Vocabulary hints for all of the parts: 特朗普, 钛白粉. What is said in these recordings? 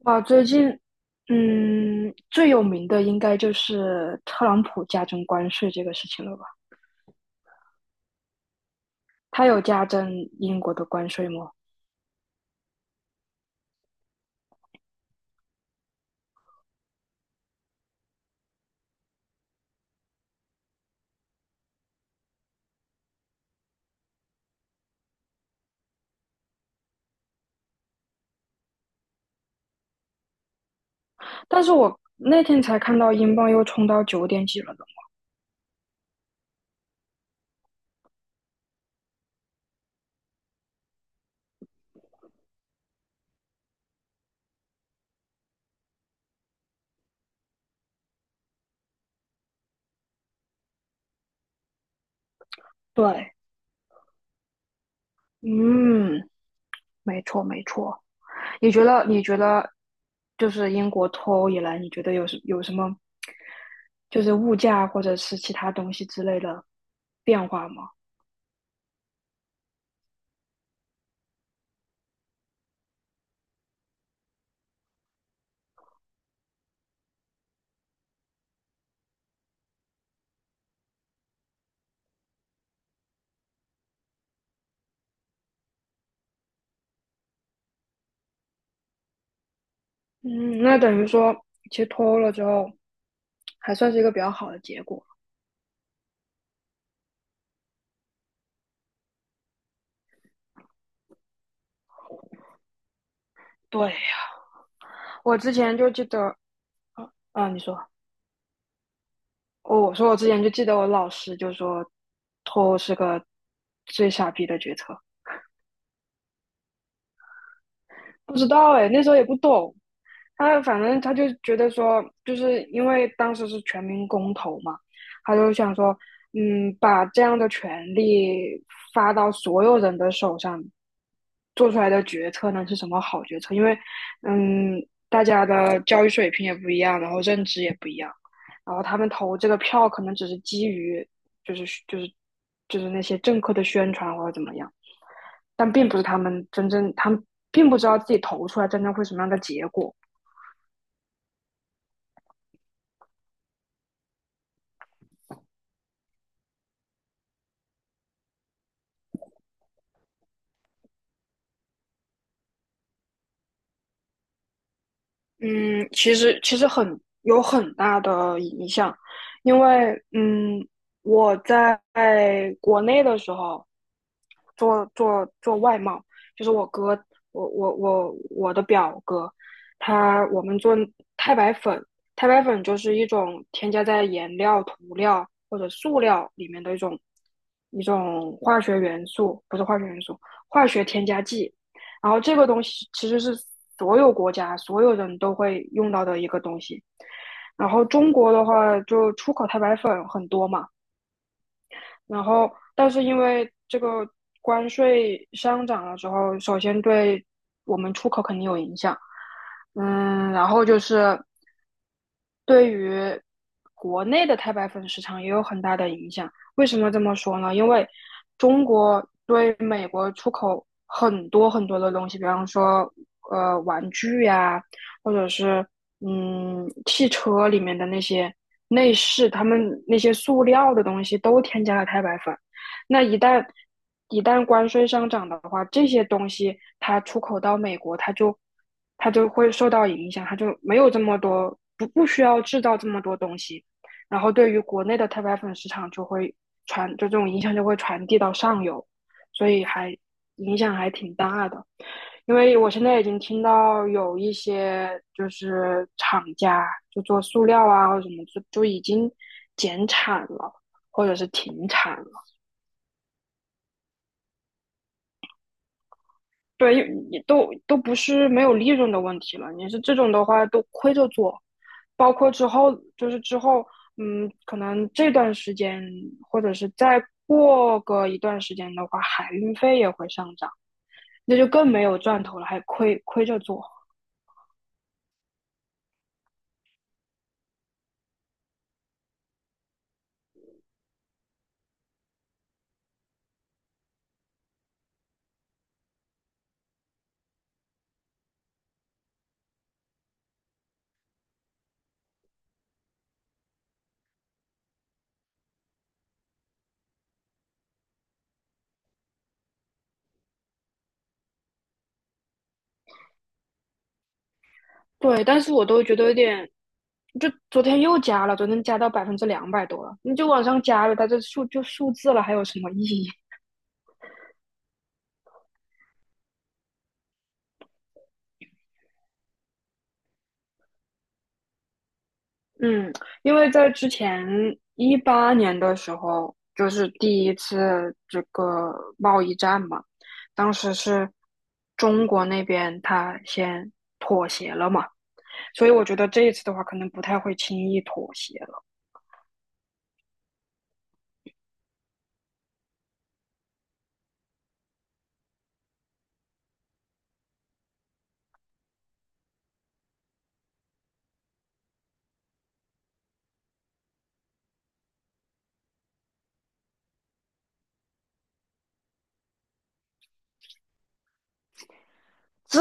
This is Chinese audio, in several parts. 哇，最近，最有名的应该就是特朗普加征关税这个事情了吧？他有加征英国的关税吗？但是我那天才看到英镑又冲到九点几了呢。对，嗯，没错没错。你觉得就是英国脱欧以来，你觉得有什么就是物价或者是其他东西之类的变化吗？嗯，那等于说，其实脱欧了之后，还算是一个比较好的结果。对，我之前就记得，啊，你说，哦，我说我之前就记得我老师就说，脱欧是个最傻逼的决策。不知道哎，那时候也不懂，反正他就觉得说，就是因为当时是全民公投嘛，他就想说，把这样的权利发到所有人的手上，做出来的决策呢是什么好决策？因为，嗯，大家的教育水平也不一样，然后认知也不一样，然后他们投这个票可能只是基于，就是就是就是那些政客的宣传或者怎么样，但并不是他们真正，他们并不知道自己投出来真正会什么样的结果。嗯，其实很大的影响，因为我在国内的时候做外贸，就是我哥，我的表哥，我们做钛白粉，钛白粉就是一种添加在颜料、涂料或者塑料里面的一种化学元素，不是化学元素，化学添加剂。然后这个东西其实是所有国家所有人都会用到的一个东西。然后中国的话，就出口太白粉很多嘛，然后但是因为这个关税上涨了之后，首先对我们出口肯定有影响，然后就是对于国内的钛白粉市场也有很大的影响。为什么这么说呢？因为中国对美国出口很多很多的东西，比方说玩具呀、或者是汽车里面的那些内饰，他们那些塑料的东西都添加了钛白粉。那一旦关税上涨的话，这些东西它出口到美国，它就会受到影响，它就没有这么多不需要制造这么多东西，然后对于国内的钛白粉市场就会这种影响就会传递到上游，所以影响还挺大的。因为我现在已经听到有一些就是厂家就做塑料啊或者什么，就已经减产了，或者是停产了。对，也都不是没有利润的问题了，你是这种的话都亏着做，包括之后可能这段时间或者是再过个一段时间的话，海运费也会上涨，那就更没有赚头了，还亏着做。对，但是我都觉得有点，就昨天又加了，昨天加到200多%了，你就往上加了，它这数就数字了，还有什么意义？嗯，因为在之前18年的时候，就是第一次这个贸易战嘛，当时是中国那边他先妥协了嘛，所以我觉得这一次的话，可能不太会轻易妥协了。这，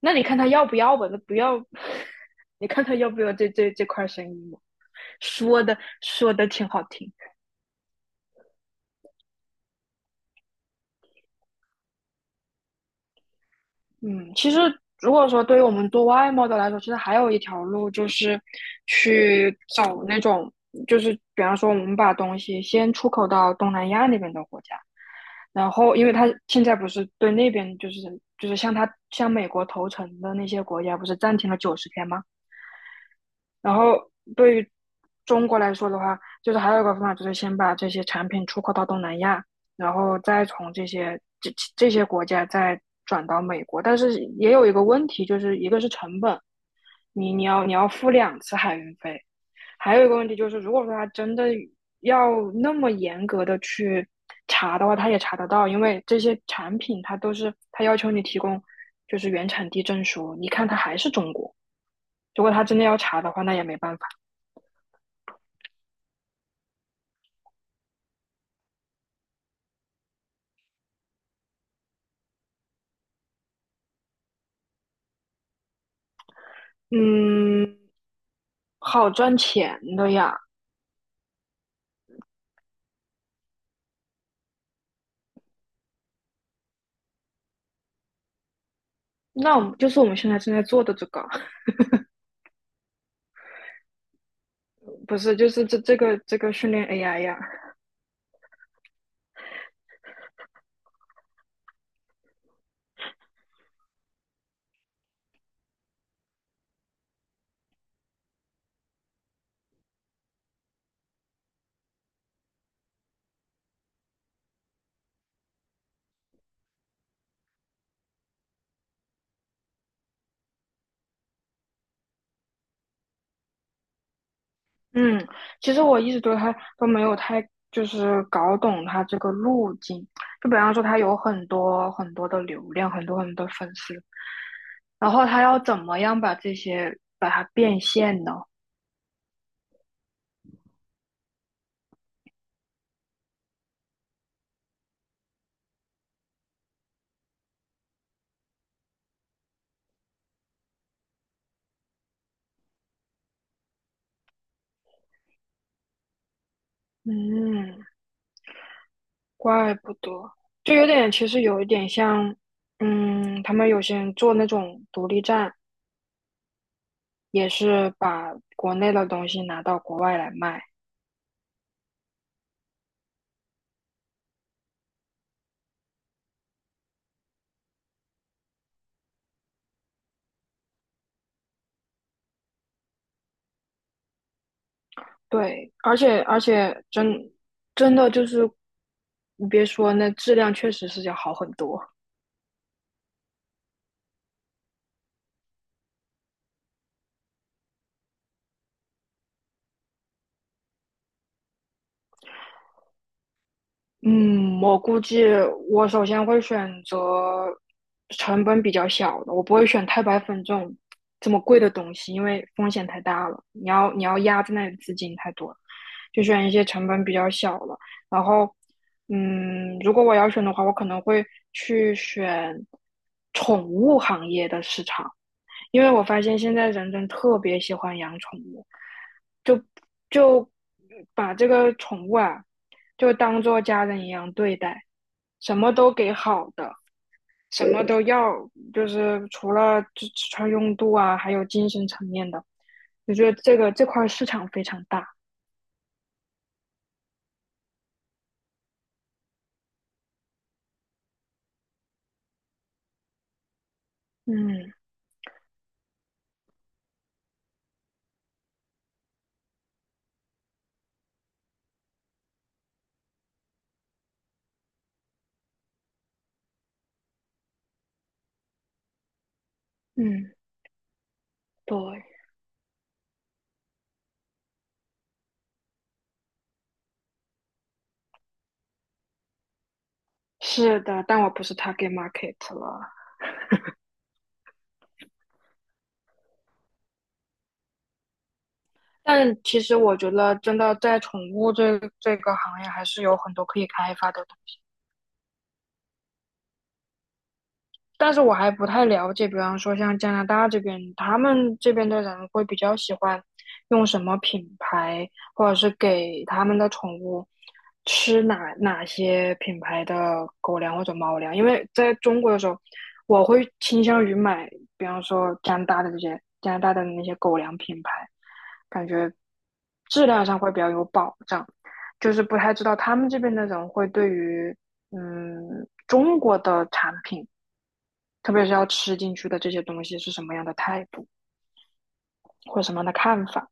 那你看他要不要吧？那不要，你看他要不要这块生意嘛？说的说的挺好听。嗯，其实如果说对于我们做外贸的来说，其实还有一条路就是去找那种，就是比方说我们把东西先出口到东南亚那边的国家，然后因为他现在不是对那边就是向美国投诚的那些国家不是暂停了90天吗？然后对于中国来说的话，就是还有一个方法，就是先把这些产品出口到东南亚，然后再从这些国家再转到美国。但是也有一个问题，就是一个是成本，你要付2次海运费，还有一个问题就是，如果说他真的要那么严格的去查的话，他也查得到，因为这些产品它都是他要求你提供就是原产地证书，你看它还是中国。如果他真的要查的话，那也没办法。嗯，好赚钱的呀。那我们现在正在做的这个，不是，就是这个训练 AI 呀。嗯，其实我一直对它都没有太就是搞懂它这个路径。就比方说，它有很多很多的流量，很多很多粉丝，然后它要怎么样把这些把它变现呢？嗯，怪不得，就有点，其实有一点像，他们有些人做那种独立站，也是把国内的东西拿到国外来卖。对，而且真的就是，你别说，那质量确实是要好很多。嗯，我估计我首先会选择成本比较小的，我不会选太白粉这种这么贵的东西，因为风险太大了。你要压在那里的资金太多了。就选一些成本比较小的。然后，如果我要选的话，我可能会去选宠物行业的市场，因为我发现现在人人特别喜欢养宠物，就就把这个宠物啊，就当做家人一样对待，什么都给好的。什么都要，就是除了吃穿用度啊，还有精神层面的，我觉得这块市场非常大。嗯嗯，对。是的，但我不是 target market 了。但其实我觉得，真的在宠物这个行业，还是有很多可以开发的。但是我还不太了解，比方说像加拿大这边，他们这边的人会比较喜欢用什么品牌，或者是给他们的宠物吃哪些品牌的狗粮或者猫粮。因为在中国的时候，我会倾向于买，比方说加拿大的那些狗粮品牌，感觉质量上会比较有保障。就是不太知道他们这边的人会对于中国的产品。特别是要吃进去的这些东西是什么样的态度或什么样的看法。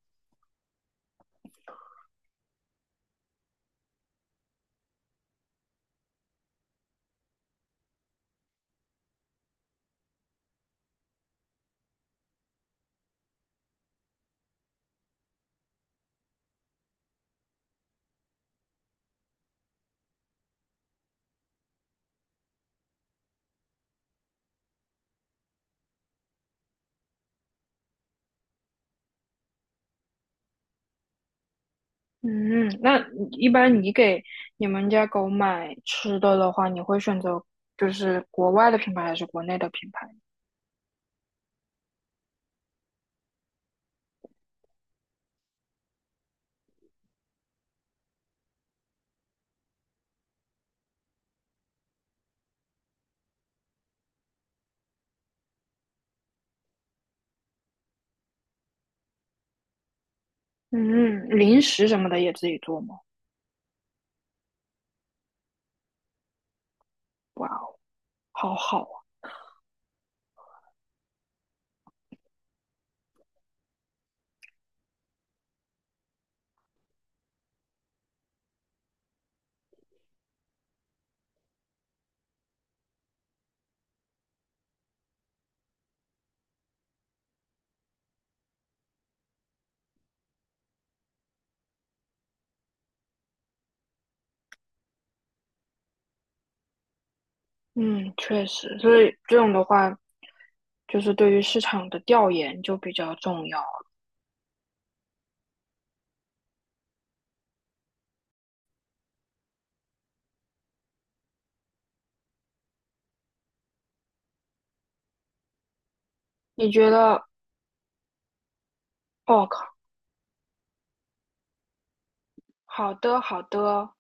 嗯，那一般你给你们家狗买吃的的话，你会选择就是国外的品牌还是国内的品牌？嗯，零食什么的也自己做吗？哇哦，好好啊。嗯，确实，所以这种的话，就是对于市场的调研就比较重要。你觉得，哦靠，好的好的，